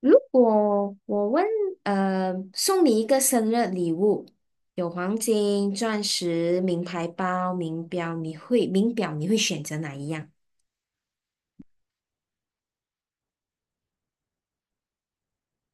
如果我问，送你一个生日礼物，有黄金、钻石、名牌包、名表，你会选择哪一样？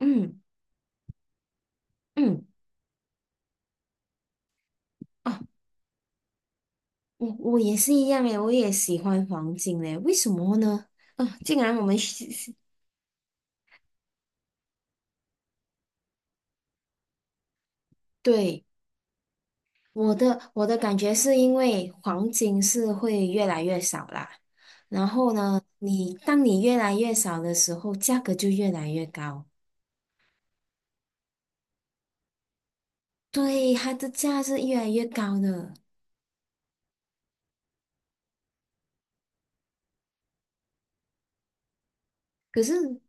嗯嗯，哦，我也是一样诶，我也喜欢黄金诶，为什么呢？竟然我们对，我的感觉是因为黄金是会越来越少啦，然后呢，你当你越来越少的时候，价格就越来越高。对，它的价是越来越高的。可是，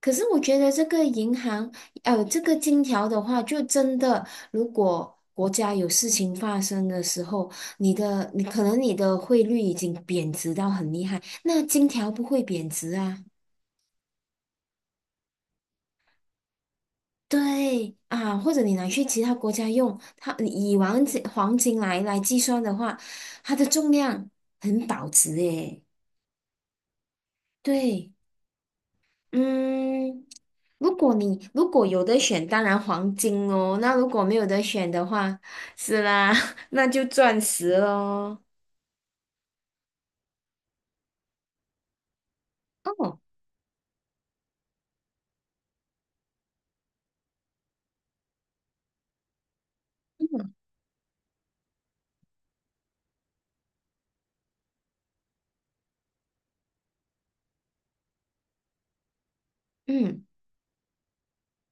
可是我觉得这个银行，这个金条的话，就真的，如果国家有事情发生的时候，你可能你的汇率已经贬值到很厉害，那金条不会贬值啊。对啊，或者你拿去其他国家用，它你以黄金来计算的话，它的重量很保值诶。对。嗯，如果你如果有得选，当然黄金哦。那如果没有得选的话，是啦，那就钻石咯。哦，嗯嗯，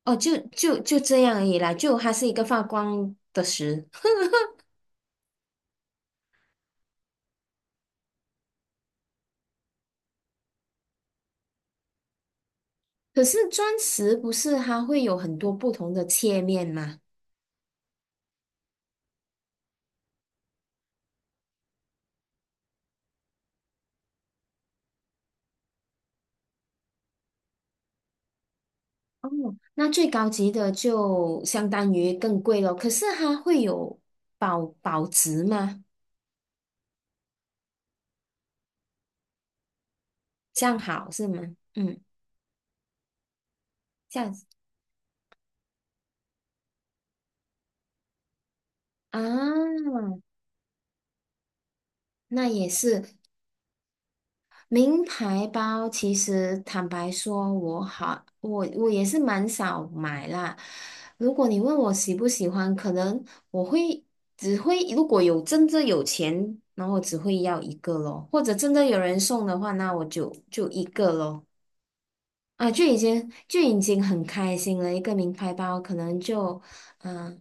哦，就这样而已啦。就它是一个发光的石，可是钻石不是它会有很多不同的切面吗？哦，那最高级的就相当于更贵咯。可是它会有保值吗？这样好是吗？嗯，这样子啊。那也是名牌包。其实坦白说，我也是蛮少买啦。如果你问我喜不喜欢，可能我只会如果有真正有钱，然后我只会要一个咯，或者真的有人送的话，那我就一个咯。啊，就已经很开心了。一个名牌包可能就嗯、呃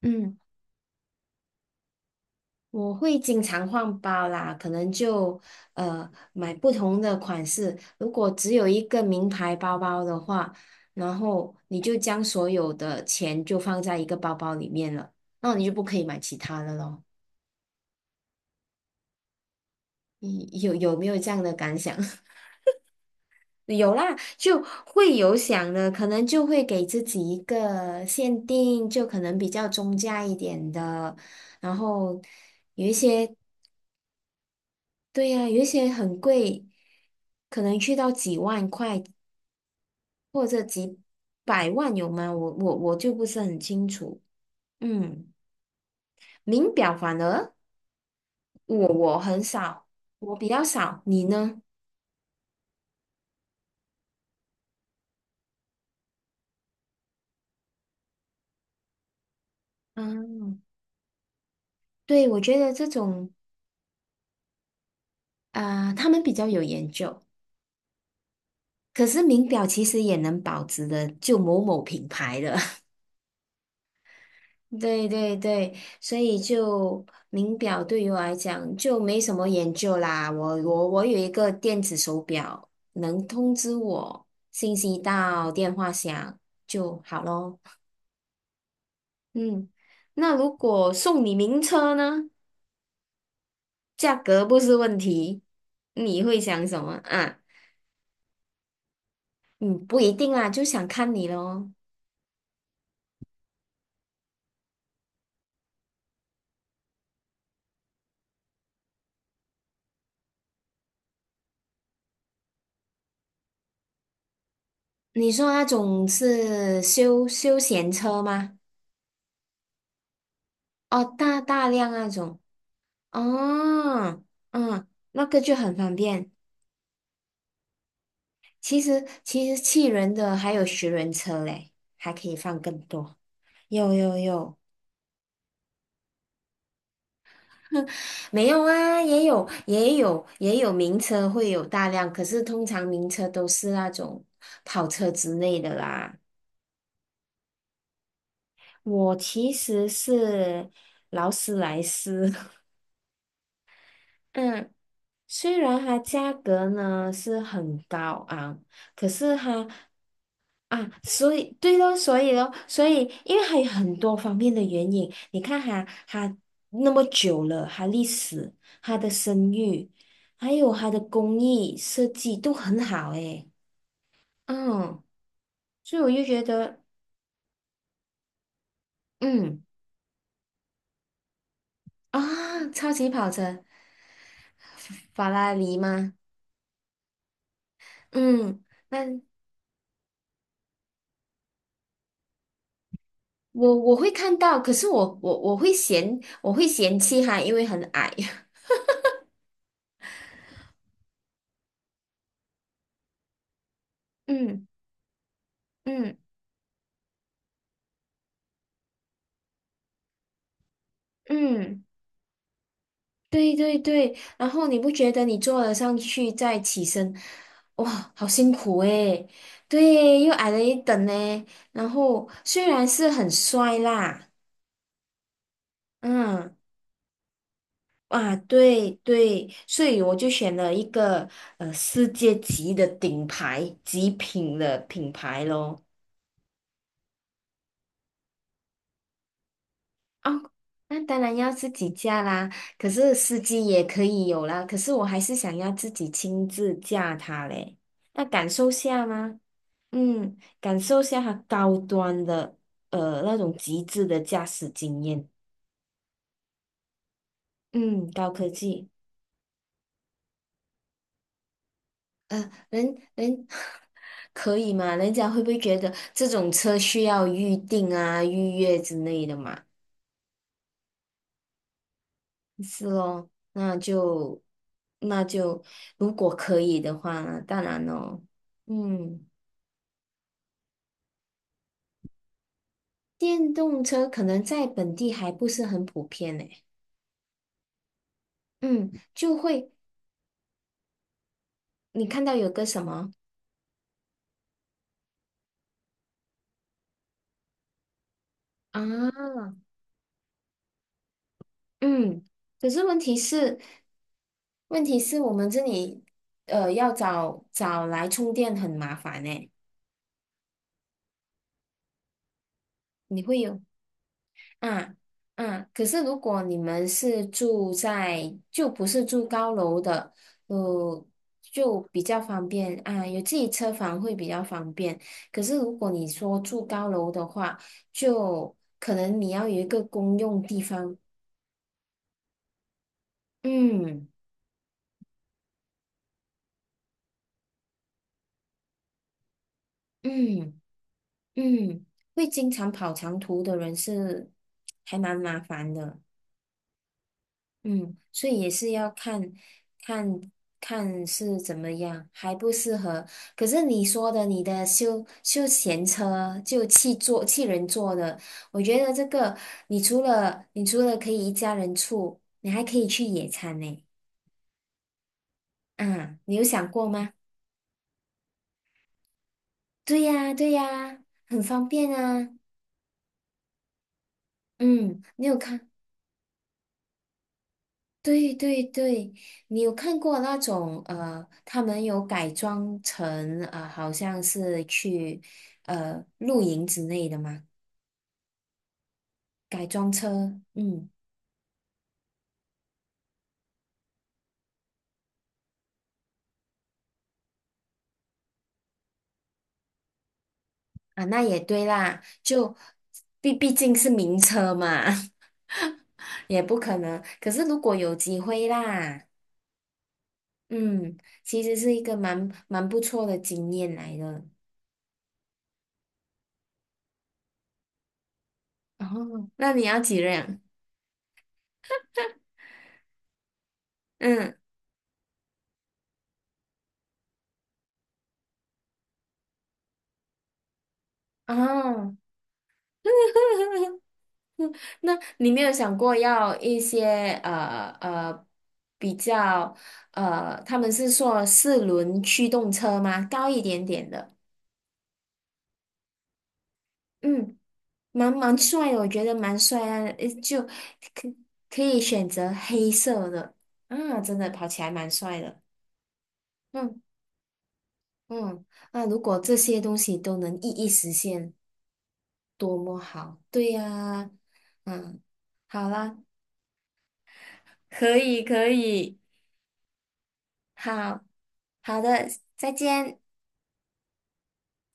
嗯。我会经常换包啦，可能就买不同的款式。如果只有一个名牌包包的话，然后你就将所有的钱就放在一个包包里面了，那你就不可以买其他的咯。你有没有这样的感想？有啦，就会有想的，可能就会给自己一个限定，就可能比较中价一点的，然后有一些。对呀，有一些很贵，可能去到几万块或者几百万有吗？我就不是很清楚。嗯，名表反而我很少，我比较少，你呢？嗯，对，我觉得这种他们比较有研究。可是名表其实也能保值的，就某某品牌的。对对对，所以就名表对于我来讲就没什么研究啦。我有一个电子手表，能通知我信息到电话响就好咯。嗯，那如果送你名车呢？价格不是问题，你会想什么啊？嗯，不一定啦，就想看你咯。你说那种是休闲车吗？哦，大大量那种。哦，嗯，那个就很方便。其实七人的还有十人车嘞，还可以放更多。有有有，没有啊？也有也有也有名车会有大量，可是通常名车都是那种跑车之类的啦。我其实是劳斯莱斯，嗯，虽然它价格呢是很高昂，可是它。啊，所以对咯，所以咯，所以因为还有很多方面的原因，你看哈，它那么久了，它历史、它的声誉，还有它的工艺设计都很好诶，嗯，所以我就觉得，嗯啊，超级跑车，法拉利吗？嗯，那我会看到，可是我会会嫌弃它，因为很矮，嗯嗯嗯。对对对，然后你不觉得你坐了上去再起身，哇，好辛苦诶，对，又矮了一等呢。然后虽然是很帅啦，嗯，哇，对对，所以我就选了一个世界级的顶牌极品的品牌咯。哦，那当然要自己驾啦，可是司机也可以有啦，可是我还是想要自己亲自驾它嘞，那感受下吗？嗯，感受下它高端的那种极致的驾驶经验。嗯，高科技。呃，人人 可以吗？人家会不会觉得这种车需要预定啊、预约之类的嘛？是咯，那就如果可以的话，呢，当然咯。嗯，电动车可能在本地还不是很普遍呢。嗯，就会你看到有个什么啊？嗯，可是问题是，问题是我们这里要找来充电很麻烦呢。你会有啊啊，可是如果你们是住在就不是住高楼的，呃，就比较方便啊，有自己车房会比较方便。可是如果你说住高楼的话，就可能你要有一个公用地方。嗯嗯。嗯，会经常跑长途的人是还蛮麻烦的，嗯，所以也是要看看是怎么样，还不适合。可是你说的你的休闲车就汽人坐的，我觉得这个你除了可以一家人住，你还可以去野餐呢。啊，你有想过吗？对呀,很方便啊。嗯，你有看？对对对，你有看过那种他们有改装成好像是去露营之类的吗？改装车，嗯啊，那也对啦，就毕竟是名车嘛，也不可能。可是如果有机会啦，嗯，其实是一个蛮不错的经验来的。哦，那你要几辆？嗯，哦。嗯，那你没有想过要一些比较他们是说四轮驱动车吗？高一点点的，嗯，蛮帅的，我觉得蛮帅啊，就可可以选择黑色的啊，真的跑起来蛮帅的，嗯嗯，那如果这些东西都能一一实现，多么好，对呀，嗯，好啦，可以可以。好好的，再见。